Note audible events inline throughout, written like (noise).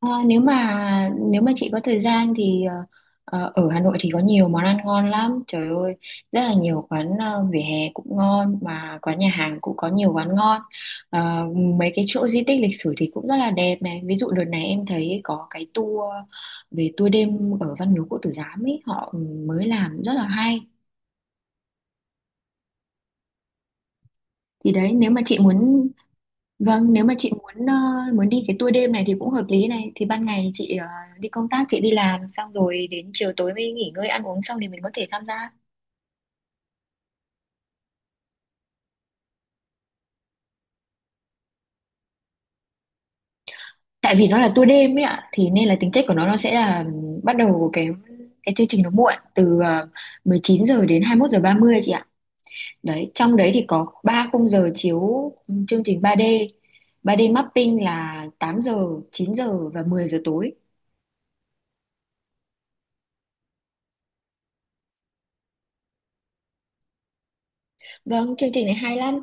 Ờ, nếu mà chị có thời gian thì ở Hà Nội thì có nhiều món ăn ngon lắm, trời ơi, rất là nhiều quán vỉa hè cũng ngon, mà quán nhà hàng cũng có nhiều quán ngon. Ờ, Mấy cái chỗ di tích lịch sử thì cũng rất là đẹp này, ví dụ đợt này em thấy có cái tour đêm ở Văn Miếu Quốc Tử Giám ấy, họ mới làm rất là hay. Thì đấy, nếu mà chị muốn. Vâng, nếu mà chị muốn muốn đi cái tour đêm này thì cũng hợp lý này. Thì ban ngày chị đi công tác, chị đi làm xong rồi đến chiều tối mới nghỉ ngơi ăn uống xong thì mình có thể tham gia. Tại vì nó là tour đêm ấy ạ, thì nên là tính chất của nó sẽ là bắt đầu cái chương trình nó muộn từ 19 giờ đến 21 giờ 30 chị ạ. Đấy, trong đấy thì có 3 khung giờ chiếu chương trình 3D. 3D mapping là 8 giờ, 9 giờ và 10 giờ tối. Vâng, chương trình này hay lắm.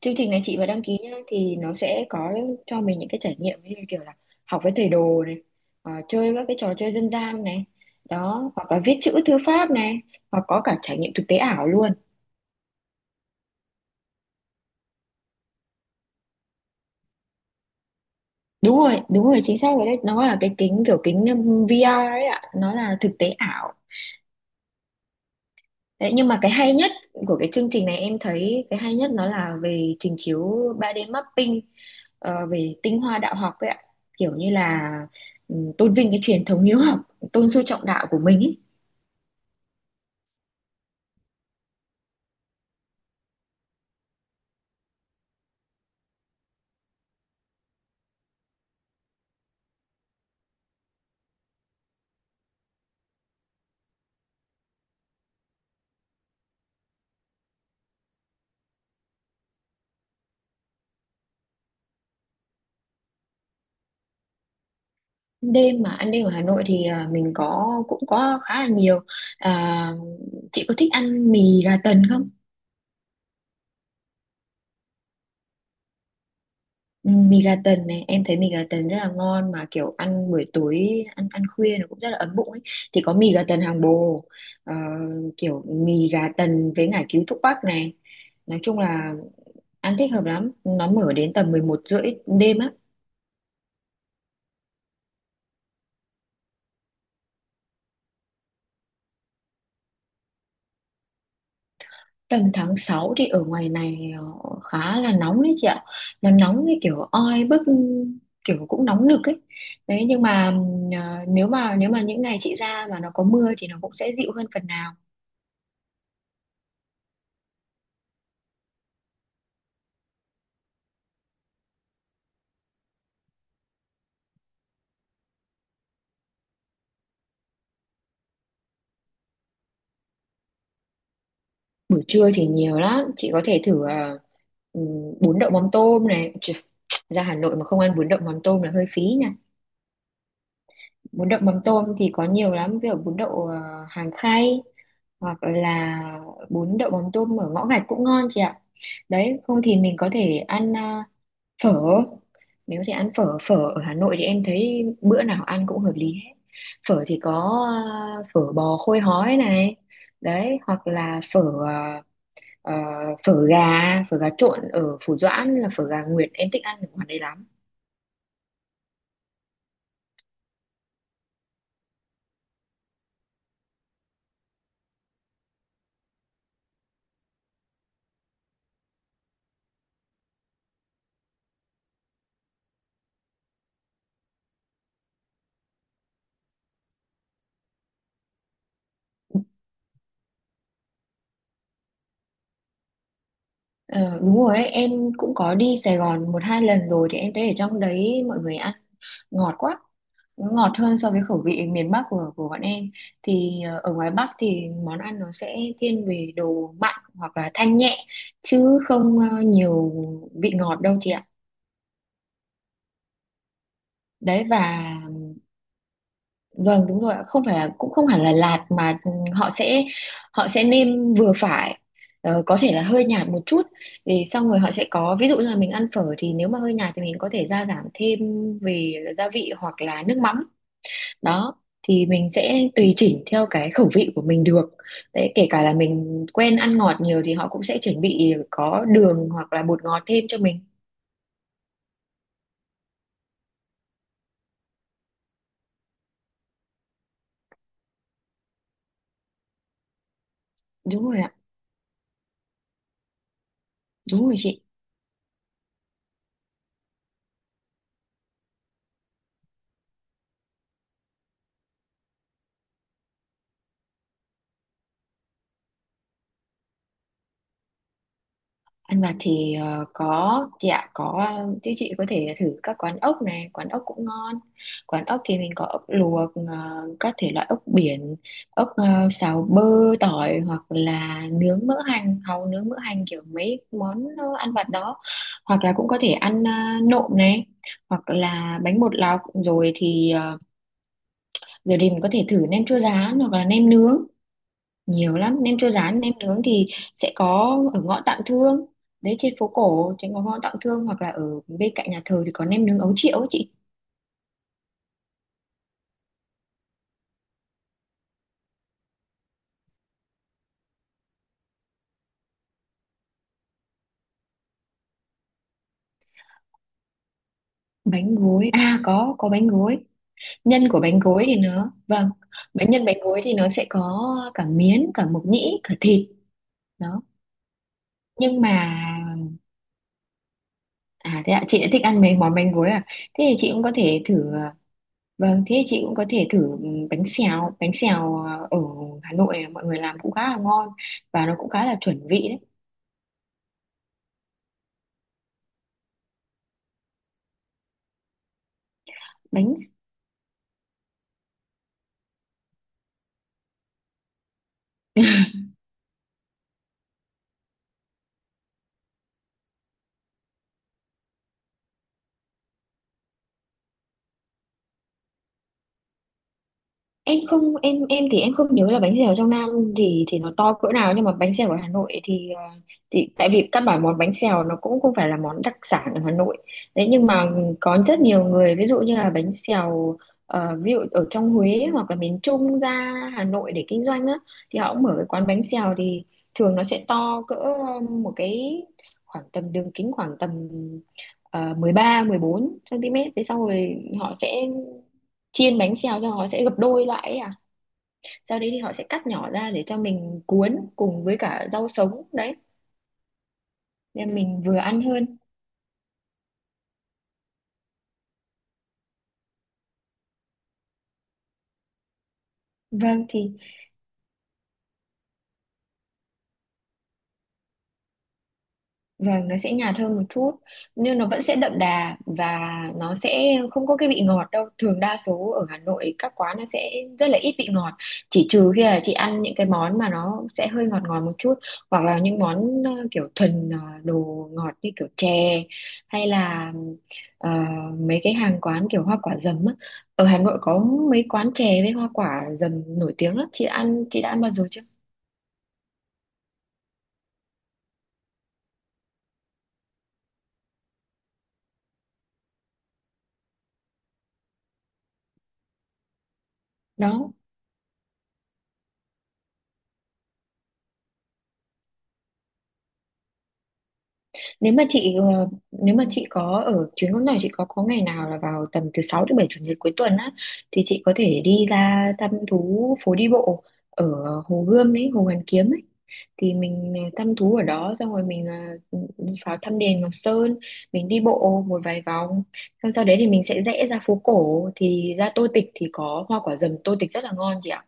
Chương trình này chị mà đăng ký nhá thì nó sẽ có cho mình những cái trải nghiệm như kiểu là học với thầy đồ này, chơi các cái trò chơi dân gian này, đó, hoặc là viết chữ thư pháp này, hoặc có cả trải nghiệm thực tế ảo luôn. Đúng rồi, chính xác rồi đấy. Nó là cái kính kiểu kính VR ấy ạ, nó là thực tế ảo. Đấy, nhưng mà cái hay nhất của cái chương trình này em thấy cái hay nhất nó là về trình chiếu 3D mapping, về tinh hoa đạo học ấy ạ, kiểu như là tôn vinh cái truyền thống hiếu học, tôn sư trọng đạo của mình ấy. Đêm mà ăn đêm ở Hà Nội thì mình có cũng có khá là nhiều. À, chị có thích ăn mì gà tần không? Ừ, mì gà tần này em thấy mì gà tần rất là ngon, mà kiểu ăn buổi tối, ăn ăn khuya nó cũng rất là ấm bụng ấy. Thì có mì gà tần Hàng Bồ, ờ, kiểu mì gà tần với ngải cứu thuốc bắc này, nói chung là ăn thích hợp lắm, nó mở đến tầm 11 rưỡi đêm á. Tầm tháng 6 thì ở ngoài này khá là nóng đấy chị ạ. Nó nóng cái kiểu oi bức, kiểu cũng nóng nực ấy. Đấy, nhưng mà nếu mà những ngày chị ra mà nó có mưa thì nó cũng sẽ dịu hơn phần nào. Buổi trưa thì nhiều lắm, chị có thể thử ừm, bún đậu mắm tôm này. Trời, ra Hà Nội mà không ăn bún đậu mắm tôm là hơi phí nhỉ. Bún đậu mắm tôm thì có nhiều lắm, ví dụ bún đậu Hàng Khay, hoặc là bún đậu mắm tôm ở ngõ gạch cũng ngon chị ạ. Đấy, không thì mình có thể ăn phở. Mình có thể ăn phở, phở ở Hà Nội thì em thấy bữa nào ăn cũng hợp lý hết. Phở thì có phở bò khôi hói này, đấy, hoặc là à, ờ, phở gà, phở gà trộn ở Phủ Doãn là phở gà Nguyệt, em thích ăn ở ngoài đấy lắm. Ờ, Đúng rồi ấy. Em cũng có đi Sài Gòn một hai lần rồi, thì em thấy ở trong đấy mọi người ăn ngọt quá, nó ngọt hơn so với khẩu vị miền Bắc của bọn em. Thì ở ngoài Bắc thì món ăn nó sẽ thiên về đồ mặn hoặc là thanh nhẹ, chứ không nhiều vị ngọt đâu chị ạ. Đấy và vâng đúng rồi ạ, không phải là, cũng không hẳn là lạt, mà họ sẽ họ sẽ nêm vừa phải, có thể là hơi nhạt một chút. Thì xong rồi họ sẽ có, ví dụ như là mình ăn phở thì nếu mà hơi nhạt thì mình có thể gia giảm thêm về gia vị hoặc là nước mắm đó, thì mình sẽ tùy chỉnh theo cái khẩu vị của mình được. Đấy, kể cả là mình quen ăn ngọt nhiều thì họ cũng sẽ chuẩn bị có đường hoặc là bột ngọt thêm cho mình. Đúng rồi ạ, đúng rồi chị. Ăn vặt thì có chị ạ, có, chứ chị có thể thử các quán ốc này, quán ốc cũng ngon. Quán ốc thì mình có ốc luộc, các thể loại ốc biển, ốc xào bơ tỏi hoặc là nướng mỡ hành, hàu nướng mỡ hành, kiểu mấy món ăn vặt đó. Hoặc là cũng có thể ăn nộm này, hoặc là bánh bột lọc rồi thì giờ thì mình có thể thử nem chua rán hoặc là nem nướng. Nhiều lắm, nem chua rán, nem nướng thì sẽ có ở ngõ Tạm Thương, đấy, trên phố cổ, trên ngõ ngõ Tạm Thương, hoặc là ở bên cạnh nhà thờ thì có nem nướng ấu triệu ấy chị. Bánh gối à? Có bánh gối. Nhân của bánh gối thì nó, vâng, nhân bánh gối thì nó sẽ có cả miến, cả mộc nhĩ, cả thịt đó. Nhưng mà à, thế ạ, chị đã thích ăn mấy món bánh gối à? Thế thì chị cũng có thể thử vâng, thế thì chị cũng có thể thử bánh xèo, bánh xèo à, ở Hà Nội mọi người làm cũng khá là ngon, và nó cũng khá là chuẩn vị đấy. bánh em không, em thì em không nhớ là bánh xèo trong Nam thì nó to cỡ nào, nhưng mà bánh xèo ở Hà Nội thì tại vì căn bản món bánh xèo nó cũng không phải là món đặc sản ở Hà Nội đấy, nhưng mà có rất nhiều người, ví dụ như là bánh xèo, ví dụ ở trong Huế hoặc là miền Trung ra Hà Nội để kinh doanh á, thì họ cũng mở cái quán bánh xèo thì thường nó sẽ to cỡ một cái, khoảng tầm đường kính khoảng tầm 13 14 cm. Thế sau rồi họ sẽ chiên bánh xèo cho, họ sẽ gập đôi lại ấy à, sau đấy thì họ sẽ cắt nhỏ ra để cho mình cuốn cùng với cả rau sống đấy, nên mình vừa ăn hơn. Vâng, thì vâng, nó sẽ nhạt hơn một chút, nhưng nó vẫn sẽ đậm đà và nó sẽ không có cái vị ngọt đâu. Thường đa số ở Hà Nội các quán nó sẽ rất là ít vị ngọt. Chỉ trừ khi là chị ăn những cái món mà nó sẽ hơi ngọt ngọt một chút, hoặc là những món kiểu thuần đồ ngọt như kiểu chè, hay là ờ, mấy cái hàng quán kiểu hoa quả dầm á. Ở Hà Nội có mấy quán chè với hoa quả dầm nổi tiếng lắm. Chị đã ăn bao giờ chưa? Đó. Nếu mà chị có, ở chuyến công tác của chị có ngày nào là vào tầm từ 6 đến 7 chủ nhật cuối tuần á, thì chị có thể đi ra thăm thú phố đi bộ ở Hồ Gươm ấy, Hồ Hoàn Kiếm ấy. Thì mình thăm thú ở đó xong rồi mình vào thăm đền Ngọc Sơn, mình đi bộ một vài vòng xong. Sau đấy thì mình sẽ rẽ ra phố cổ thì ra Tô Tịch, thì có hoa quả dầm Tô Tịch rất là ngon chị ạ.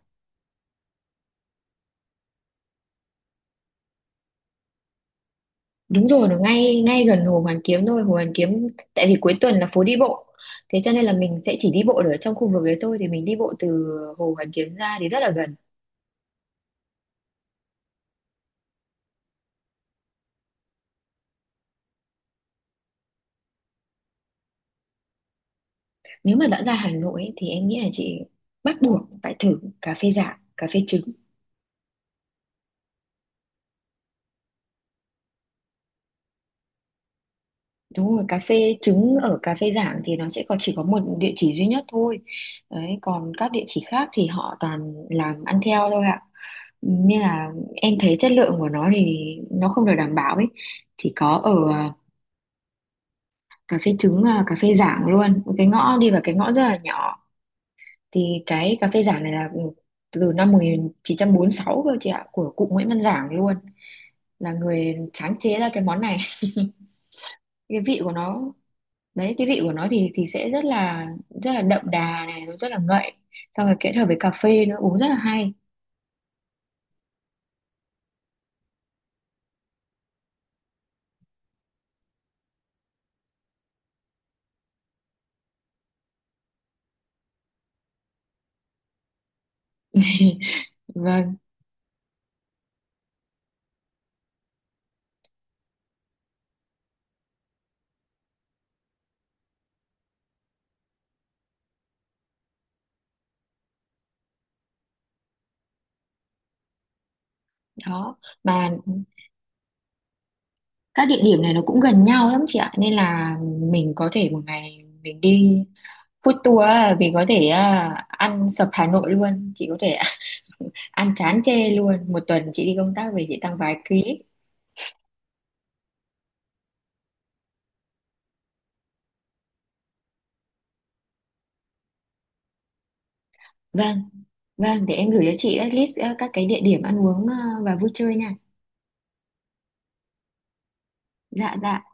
Đúng rồi, nó ngay ngay gần Hồ Hoàn Kiếm thôi. Hồ Hoàn Kiếm, tại vì cuối tuần là phố đi bộ, thế cho nên là mình sẽ chỉ đi bộ được ở trong khu vực đấy thôi. Thì mình đi bộ từ Hồ Hoàn Kiếm ra thì rất là gần. Nếu mà đã ra Hà Nội ấy, thì em nghĩ là chị bắt buộc phải thử cà phê Giảng, cà phê trứng. Đúng rồi, cà phê trứng ở cà phê Giảng thì nó sẽ có chỉ có một địa chỉ duy nhất thôi. Đấy, còn các địa chỉ khác thì họ toàn làm ăn theo thôi ạ. Nên là em thấy chất lượng của nó thì nó không được đảm bảo ấy. Chỉ có ở cà phê trứng, cà phê Giảng, luôn một cái ngõ đi vào cái ngõ rất là nhỏ. Thì cái cà phê Giảng này là từ năm 1946 cơ chị ạ, của cụ Nguyễn Văn Giảng luôn là người sáng chế ra cái món này. (laughs) Cái vị của nó, đấy, cái vị của nó thì sẽ rất là đậm đà này, nó rất là ngậy, xong rồi kết hợp với cà phê nữa uống rất là hay. Vâng, đó, mà các địa điểm này nó cũng gần nhau lắm chị ạ, nên là mình có thể một ngày mình đi Food tour á, vì có thể ăn sập Hà Nội luôn, chị có thể (laughs) ăn chán chê luôn. Một tuần chị đi công tác về chị tăng vài ký. Vâng, vâng, để em gửi cho chị list các cái địa điểm ăn uống và vui chơi nha. Dạ, dạ.